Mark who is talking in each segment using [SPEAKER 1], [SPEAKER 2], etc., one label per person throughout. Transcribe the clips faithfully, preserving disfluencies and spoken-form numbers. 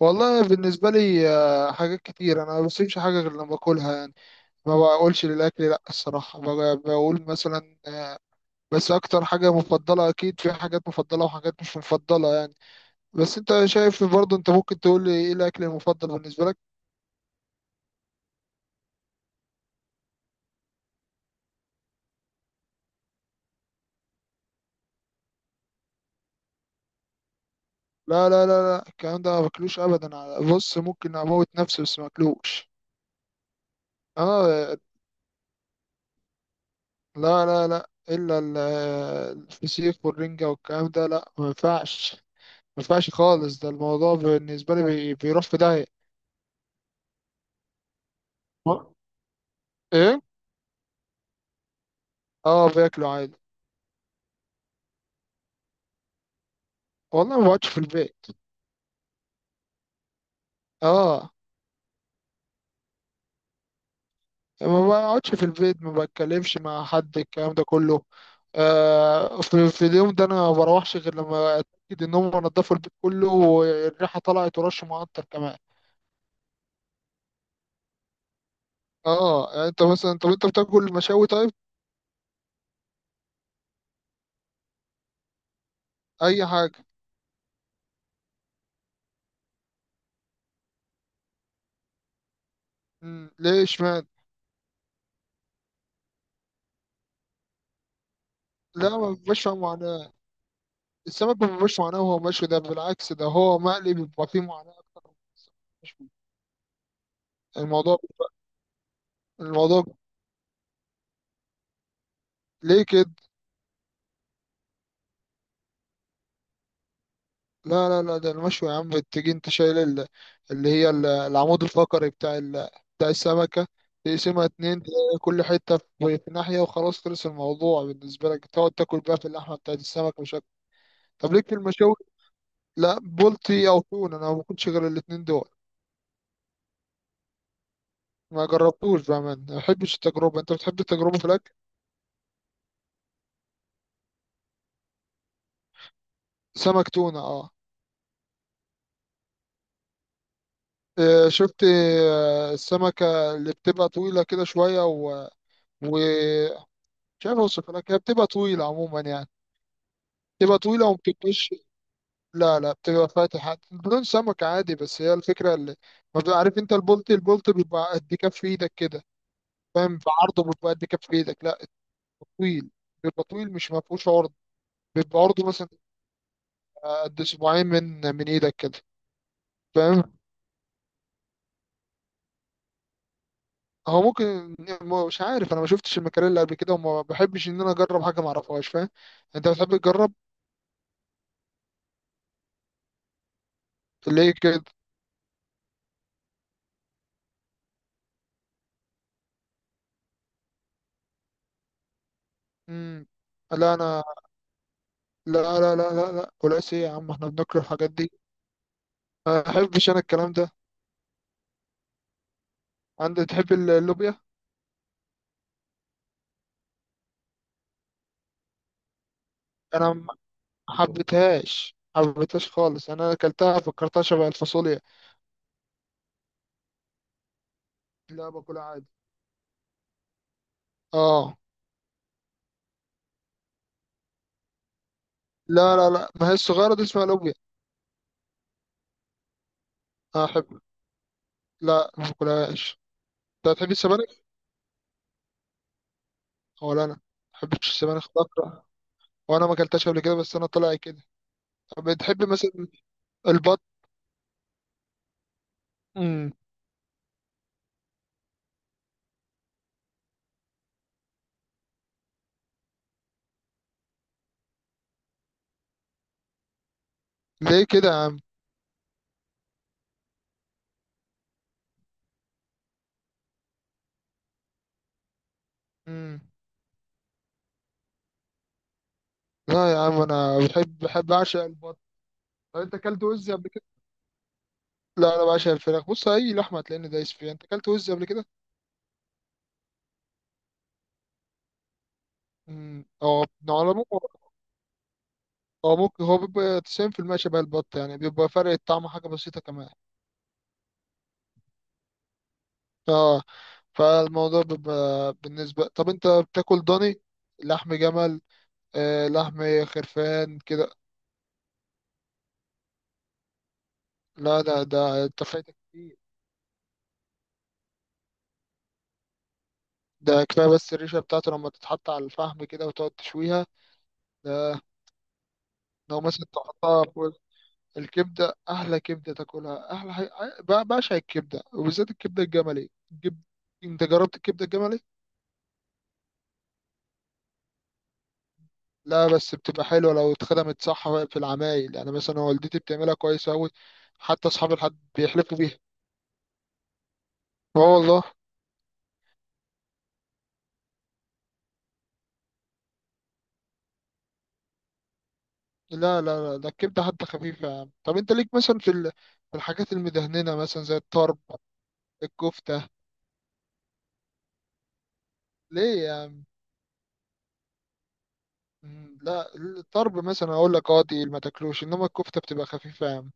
[SPEAKER 1] والله بالنسبة لي آه، حاجات كتير، أنا ما بسيبش حاجة غير لما باكلها يعني. ما بقولش للأكل لأ، الصراحة ب- بقول مثلا آه، بس أكتر حاجة مفضلة. أكيد في حاجات مفضلة وحاجات مش مفضلة يعني. بس أنت شايف برضه، أنت ممكن تقول لي إيه الأكل المفضل بالنسبة لك؟ لا لا لا لا، الكلام ده ما باكلوش أبدا. على- بص، ممكن أموت نفسي بس ما باكلوش. آه، لا لا لا إلا ال- آه، الفسيخ والرنجة والكلام ده لأ ما ينفعش. ما ينفعش خالص، ده الموضوع بالنسبة لي بي- بيروح في داهية. و- ايه. اه باكله عادي. والله ما بقعدش في البيت. اه، ما بقعدش في البيت، ما بتكلمش مع حد الكلام ده كله. آه، في, في اليوم ده انا ما بروحش غير لما اتاكد ان هم نضفوا البيت كله والريحه طلعت ورش معطر كمان. اه، يعني انت مثلا، طب انت بتاكل مشاوي؟ طيب اي حاجه. مم. ليه اشمعنى؟ لا ما بيبقاش فيها معاناه. السمك ما بيبقاش معاناه وهو مشوي، ده بالعكس، ده هو مقلي بيبقى فيه معاناه اكتر من السمك المشوي. الموضوع الموضوع ليه كده؟ لا لا لا، ده المشوي يا عم، تيجي انت شايل ال- اللي هي ال- العمود الفقري بتاع ال... بتاع السمكة، تقسمها اتنين، كل حتة في في ناحية، وخلاص خلص الموضوع بالنسبة لك، تقعد تاكل بقى في اللحمة بتاعت السمك مش أكتر. طب ليك في المشاوي؟ لا بولتي أو تون، أنا ما باكلش غير الاتنين دول. ما جربتوش بأمان، ما بحبش التجربة. أنت بتحب التجربة في الأكل؟ سمك تونة، اه. اه، شفت؟ اه، السمكة اللي بتبقى طويلة كده شوية و... ومش عارف أوصفها لك، هي بتبقى طويلة عموما يعني. تبقى طويلة وما بتبقاش. لا لا، بتبقى فاتحة، بدون سمك عادي، بس هي الفكرة اللي ما بتبقى. عارف انت البولت؟ البولت بيبقى قد كف ايدك كده، فاهم؟ بعرضه بيبقى قد كف ايدك. لا، بيبقى طويل. بيبقى طويل مش ما فيهوش عرض. بيبقى عرضه مثلا قد اسبوعين، من من ايدك كده. فاهم، هو ممكن. ما- مش عارف، انا ما شفتش المكاريلا قبل كده، وما بحبش ان انا اجرب حاجة ما اعرفهاش، فاهم؟ انت بتحب تجرب؟ ليه كده؟ امم لا انا. لا لا لا لا لا، ولا ايه يا عم، احنا بناكل الحاجات دي؟ ما احبش انا الكلام ده. انت تحب اللوبيا؟ انا ما. حبيتهاش حبيتهاش خالص، انا اكلتها فكرتها شبه الفاصوليا. لا باكلها عادي. اه. لا لا لا، ما هي الصغيره دي اسمها لوبيا. انا احب. لا ما باكلهاش. انت بتحب السبانخ؟ ولا انا، ما بحبش السبانخ، بكره. وانا ما اكلتهاش قبل كده، بس انا طلع كده. طب بتحب مثلا البط؟ امم ليه كده يا عم؟ امم لا يا عم انا بحب بحب اعشق البط. طب انت اكلت وز قبل كده؟ لا انا بعشق الفراخ، بص، اي لحمه هتلاقيني دايس فيها. انت اكلت وز قبل كده؟ مم. هو، على العموم، هو ممكن، هو بيبقى تسعين في المية شبه البط يعني، بيبقى فرق الطعم حاجة بسيطة كمان. اه، فالموضوع بيبقى بالنسبة، طب انت بتاكل ضاني؟ لحم جمل؟ آه لحم خرفان كده. لا لا، ده انت فايتك كتير. ده كفاية بس الريشة بتاعته لما تتحط على الفحم كده وتقعد تشويها، ده لو مثلا تحطها فوق. الكبدة أحلى كبدة تاكلها، أحلى حاجة. ب- بعشق الكبدة، وبالذات الكبدة الجملي. الكب- أنت جربت الكبدة الجملي؟ لا بس بتبقى حلوة لو اتخدمت صح في العمايل، يعني مثلا والدتي بتعملها كويس أوي، حتى أصحاب الحد بيحلفوا بيها. اه والله. لا لا لا، ده الكبدة حتى خفيفة يا عم. طب أنت ليك مثلا في ال- في الحاجات المدهننة مثلا زي الطرب، الكفتة؟ ليه يا عم؟ مم، لا الطرب مثلا أقول لك، اه دي ما تاكلوش، إنما الكفتة بتبقى خفيفة يا عم.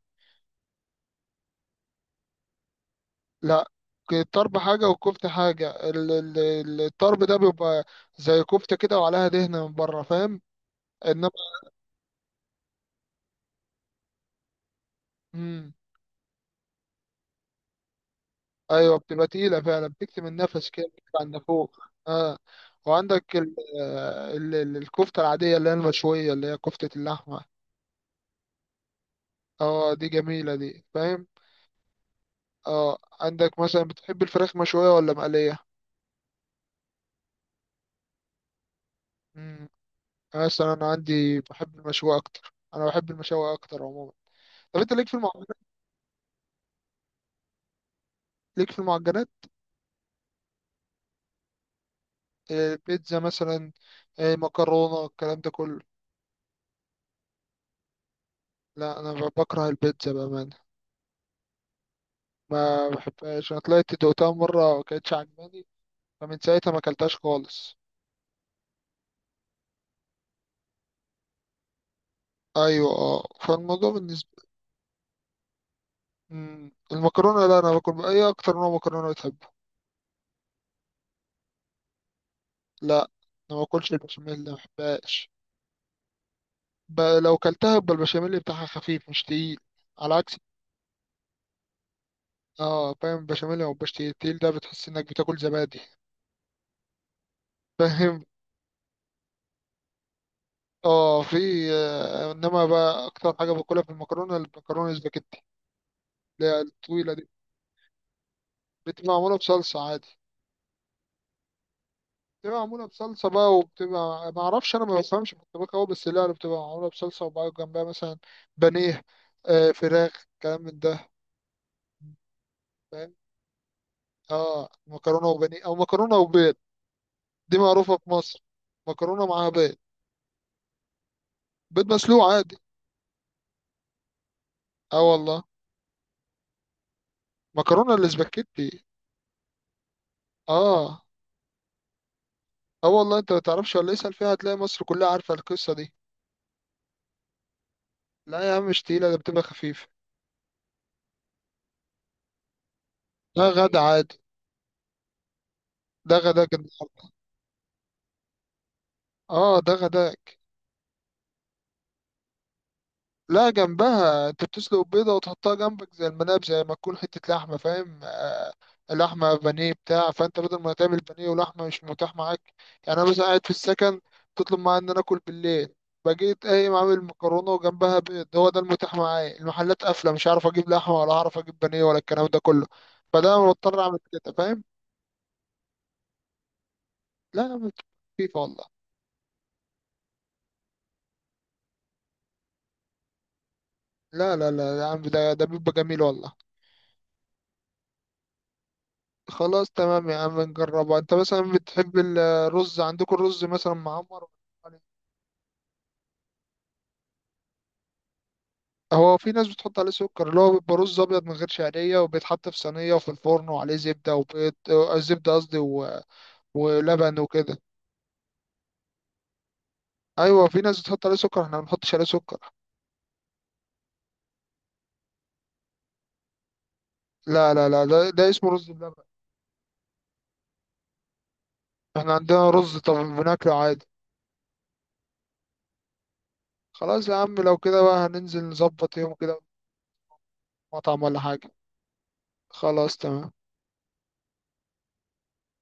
[SPEAKER 1] لا، الطرب حاجة والكفتة حاجة، ال- ال- ال- الطرب ده بيبقى زي كفتة كده وعليها دهنة من بره، فاهم؟ إنما مم. ايوه بتبقى تقيله فعلا، بتكتم النفس كده، بتطلع عند فوق. اه. وعندك ال، آه، ال ال- الكفته العاديه، اللي هي المشويه، اللي هي كفته اللحمه. اه دي جميله دي، فاهم؟ اه، عندك مثلا بتحب الفراخ مشويه ولا مقليه؟ امم مثلا انا عندي بحب المشويه اكتر، انا بحب المشويه اكتر عموما. طب انت ليك في المعجنات؟ ليك في المعجنات آه، بيتزا مثلا، آه، مكرونه، الكلام ده كله؟ لا انا بكره البيتزا بامانه، ما بحبهاش، انا طلعت دوقتها مره ما كانتش عجباني، فمن ساعتها ما اكلتهاش خالص. ايوه. اه، فالموضوع بالنسبه. مم. المكرونه لا، انا باكل. ايه اكتر نوع مكرونه بتحبه؟ لا، انا ما باكلش البشاميل، ما بحبهاش. ب... لو كلتها يبقى البشاميل بتاعها خفيف مش تقيل. على عكس. اه فاهم، البشاميل او البش تقيل، تقيل ده بتحس انك بتاكل زبادي. فاهم. اه، في. آه، انما بقى اكتر حاجه باكلها في المكرونه، المكرونه السباكيتي، اللي هي الطويله دي. بتبقى معموله بصلصه عادي. بتبقى معمولة بصلصة بقى، وبتبقى، ما اعرفش، انا ما بفهمش في الطبخ قوي، بس لا بتبقى معمولة بصلصة وبقى جنبها مثلا بانيه، آه فراخ، كلام من ده. فاهم. اه مكرونة وبانيه او مكرونة وبيض، دي معروفة في مصر. مكرونة معاها بيض. بيض مسلوق عادي. اه والله. مكرونة الاسباجيتي. اه. اه والله، انت ما تعرفش، ولا اسأل فيها هتلاقي مصر كلها عارفة القصة دي. لا يا عم مش تقيلة، ده بتبقى خفيفة. ده غدا عادي. ده غداك النهاردة. اه ده غداك. لا جنبها، انت بتسلق بيضة وتحطها جنبك، زي المناب، زي ما تكون حتة لحمة، فاهم؟ آه، لحمة بانيه بتاع، فانت بدل ما تعمل بانيه ولحمة مش متاح معاك. يعني انا مثلا قاعد في السكن، تطلب معايا ان انا اكل بالليل، بقيت قايم عامل مكرونة وجنبها بيض، هو ده المتاح معايا، المحلات قافلة، مش عارف اجيب لحمة، ولا هعرف اجيب بانيه، ولا الكلام ده كله، فده أنا مضطر اعمل كده، فاهم؟ لا يا عم، خفيفة والله. لا لا لا يا عم، ده ده بيبقى جميل والله. خلاص تمام يا عم، نجربها. انت مثلا بتحب الرز؟ عندكم الرز مثلا معمر ولا عليه؟ هو في ناس بتحط عليه سكر، اللي هو بيبقى رز ابيض من غير شعريه، وبيتحط في صينيه وفي الفرن وعليه زبده وبيض، آه، زبده قصدي، و... ولبن وكده. ايوه في ناس بتحط عليه سكر، احنا ما بنحطش عليه سكر. لا لا لا، ده, ده اسمه رز بلبن. احنا عندنا رز طب بناكله عادي. خلاص يا عم، لو كده بقى هننزل نظبط يوم كده، مطعم ولا حاجه. خلاص تمام.